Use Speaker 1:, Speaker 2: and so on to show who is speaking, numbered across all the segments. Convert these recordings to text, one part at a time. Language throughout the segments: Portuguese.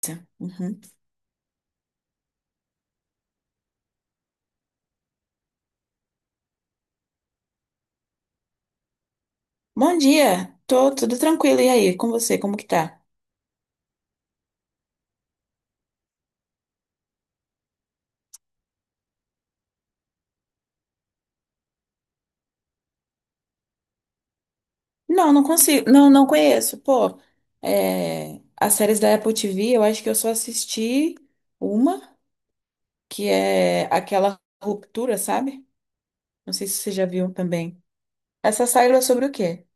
Speaker 1: Tá. Uhum. Bom dia, tô tudo tranquilo. E aí, com você, como que tá? Não, não consigo, não, não conheço. Pô, é, as séries da Apple TV, eu acho que eu só assisti uma, que é aquela Ruptura, sabe? Não sei se você já viu também. Essa série é sobre o quê?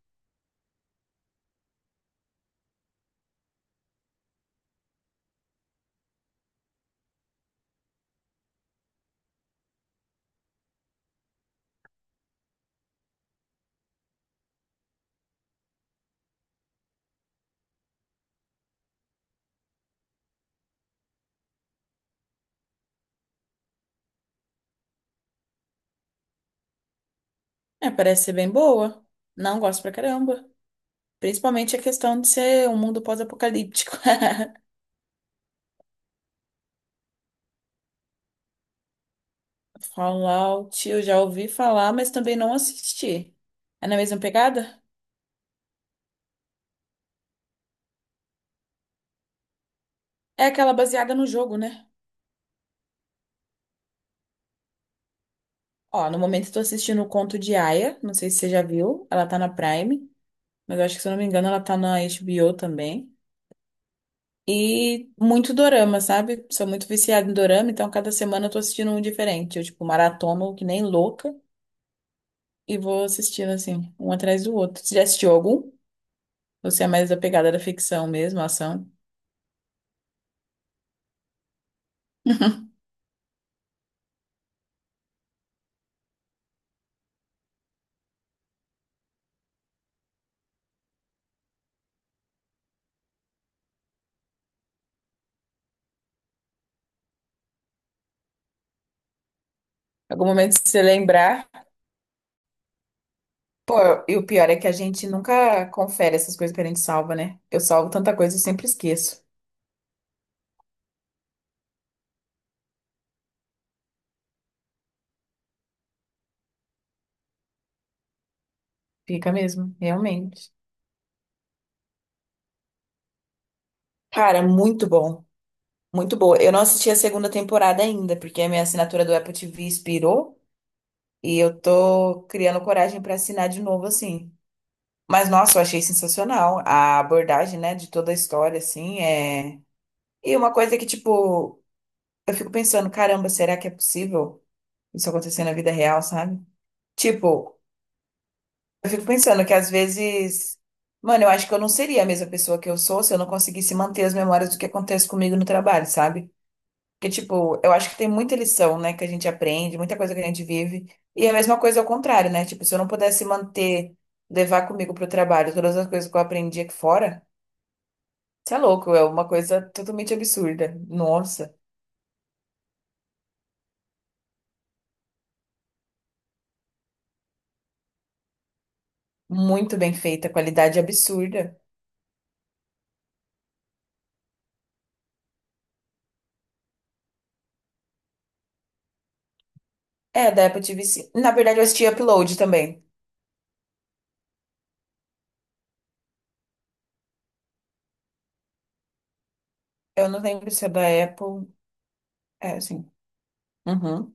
Speaker 1: É, parece ser bem boa. Não gosto pra caramba. Principalmente a questão de ser um mundo pós-apocalíptico. Fallout, eu já ouvi falar, mas também não assisti. É na mesma pegada? É aquela baseada no jogo, né? Ó, no momento estou assistindo o Conto de Aia, não sei se você já viu, ela tá na Prime, mas eu acho que se eu não me engano ela tá na HBO também. E muito dorama, sabe? Sou muito viciada em dorama, então cada semana eu tô assistindo um diferente. Eu, tipo, maratono que nem louca e vou assistindo, assim, um atrás do outro. Você já assistiu algum? Você é mais da pegada da ficção mesmo, ação? Algum momento, se você lembrar. Pô, e o pior é que a gente nunca confere essas coisas que a gente salva, né? Eu salvo tanta coisa, eu sempre esqueço. Fica mesmo, realmente. Cara, muito bom. Muito boa. Eu não assisti a segunda temporada ainda, porque a minha assinatura do Apple TV expirou e eu tô criando coragem pra assinar de novo, assim. Mas, nossa, eu achei sensacional a abordagem, né, de toda a história, assim, é... E uma coisa que, tipo, eu fico pensando, caramba, será que é possível isso acontecer na vida real, sabe? Tipo, eu fico pensando que às vezes... Mano, eu acho que eu não seria a mesma pessoa que eu sou se eu não conseguisse manter as memórias do que acontece comigo no trabalho, sabe? Porque, tipo, eu acho que tem muita lição, né, que a gente aprende, muita coisa que a gente vive. E é a mesma coisa ao contrário, né? Tipo, se eu não pudesse manter, levar comigo pro trabalho todas as coisas que eu aprendi aqui fora, isso é louco, é uma coisa totalmente absurda. Nossa, muito bem feita, qualidade absurda. É, da Apple TV, sim. Na verdade, eu assisti Upload também. Eu não lembro se é da Apple. É, sim. Uhum.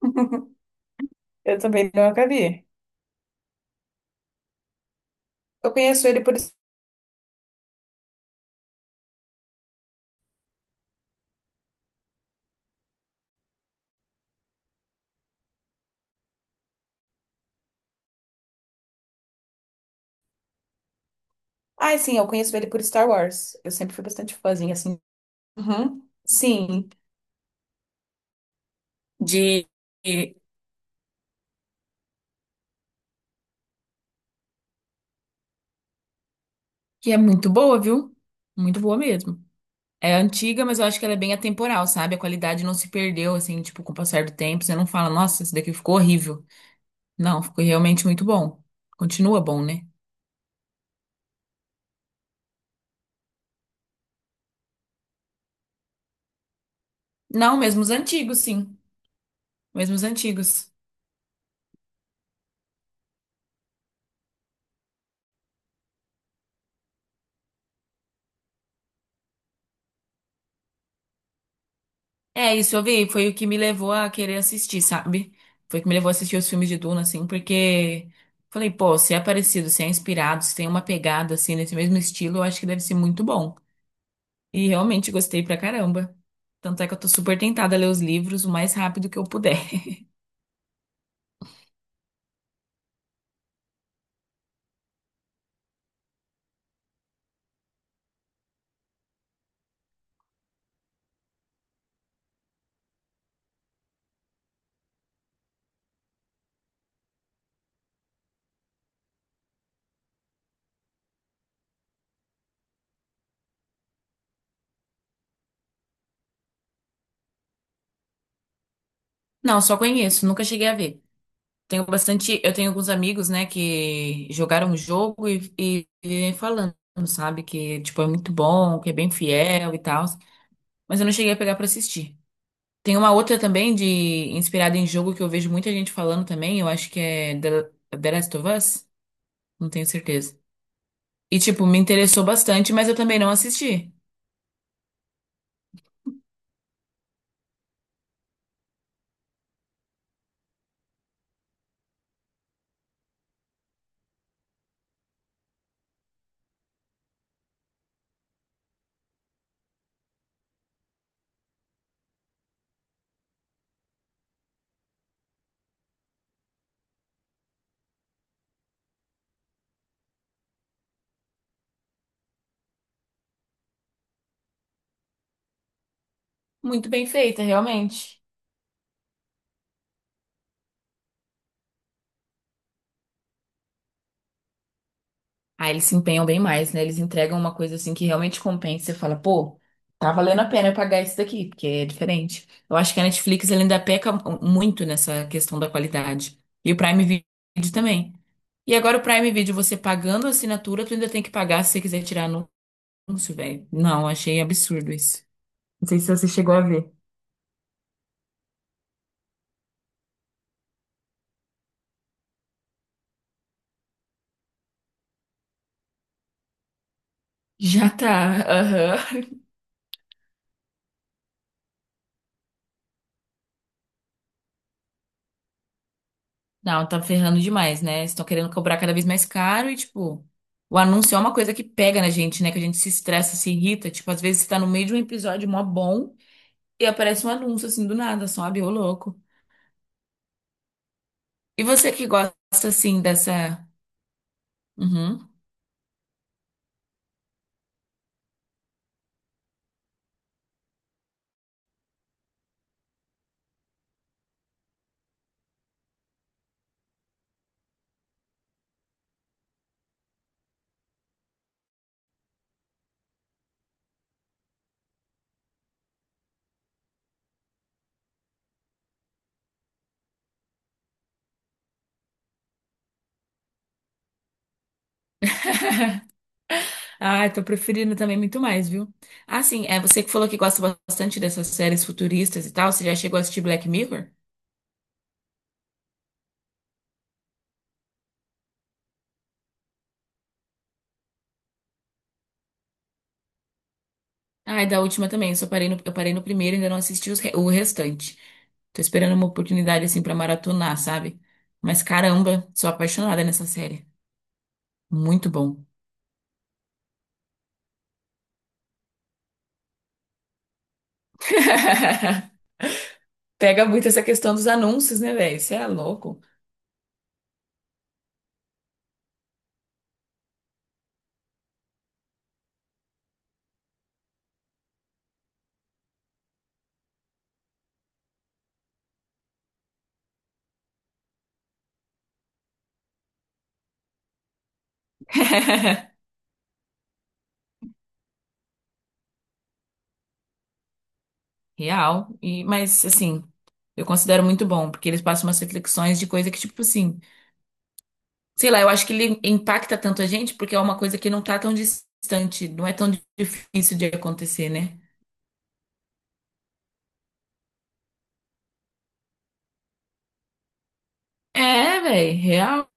Speaker 1: Eu também não acabei. Eu conheço ele por. Ah, sim, eu conheço ele por Star Wars. Eu sempre fui bastante fãzinha, assim. Uhum. Sim, de que é muito boa, viu? Muito boa mesmo. É antiga, mas eu acho que ela é bem atemporal, sabe? A qualidade não se perdeu, assim, tipo, com o passar do tempo. Você não fala, nossa, isso daqui ficou horrível. Não, ficou realmente muito bom. Continua bom, né? Não, mesmo os antigos, sim. Mesmo os antigos. É, isso eu vi, foi o que me levou a querer assistir, sabe? Foi o que me levou a assistir os filmes de Duna, assim, porque falei, pô, se é parecido, se é inspirado, se tem uma pegada, assim, nesse mesmo estilo, eu acho que deve ser muito bom. E realmente gostei pra caramba. Tanto é que eu tô super tentada a ler os livros o mais rápido que eu puder. Não, só conheço, nunca cheguei a ver. Tenho bastante, eu tenho alguns amigos, né, que jogaram o jogo e falando, sabe, que tipo é muito bom, que é bem fiel e tal, mas eu não cheguei a pegar pra assistir. Tem uma outra também de inspirada em jogo que eu vejo muita gente falando também, eu acho que é The Last of Us, não tenho certeza. E tipo, me interessou bastante, mas eu também não assisti. Muito bem feita, realmente. Aí eles se empenham bem mais, né? Eles entregam uma coisa assim que realmente compensa. Você fala, pô, tá valendo a pena eu pagar isso daqui, porque é diferente. Eu acho que a Netflix ela ainda peca muito nessa questão da qualidade. E o Prime Video também. E agora o Prime Video, você pagando a assinatura, tu ainda tem que pagar se você quiser tirar anúncio, velho. Não, achei absurdo isso. Não sei se você chegou a ver. Já tá, aham. Não, tá ferrando demais, né? Estão querendo cobrar cada vez mais caro e, tipo, o anúncio é uma coisa que pega na gente, né? Que a gente se estressa, se irrita. Tipo, às vezes você tá no meio de um episódio mó bom e aparece um anúncio assim do nada, sabe? Ô louco. E você que gosta, assim, dessa. Uhum. Ah, eu tô preferindo também muito mais, viu? Ah, sim, é você que falou que gosta bastante dessas séries futuristas e tal. Você já chegou a assistir Black Mirror? Ai, da última também. Eu só parei no, eu parei no primeiro e ainda não assisti os o restante. Tô esperando uma oportunidade assim pra maratonar, sabe? Mas caramba, sou apaixonada nessa série. Muito bom. Pega muito essa questão dos anúncios, né, velho? Você é louco. Real. E, mas assim, eu considero muito bom, porque eles passam umas reflexões de coisa que, tipo assim, sei lá, eu acho que ele impacta tanto a gente porque é uma coisa que não tá tão distante, não é tão difícil de acontecer, né? É, velho, real.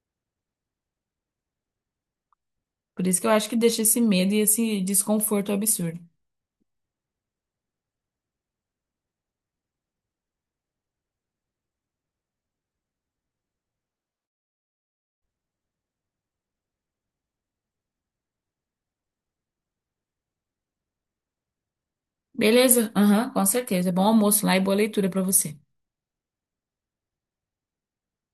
Speaker 1: Por isso que eu acho que deixa esse medo e esse desconforto absurdo. Beleza? Aham, com certeza. Bom almoço lá e boa leitura pra você.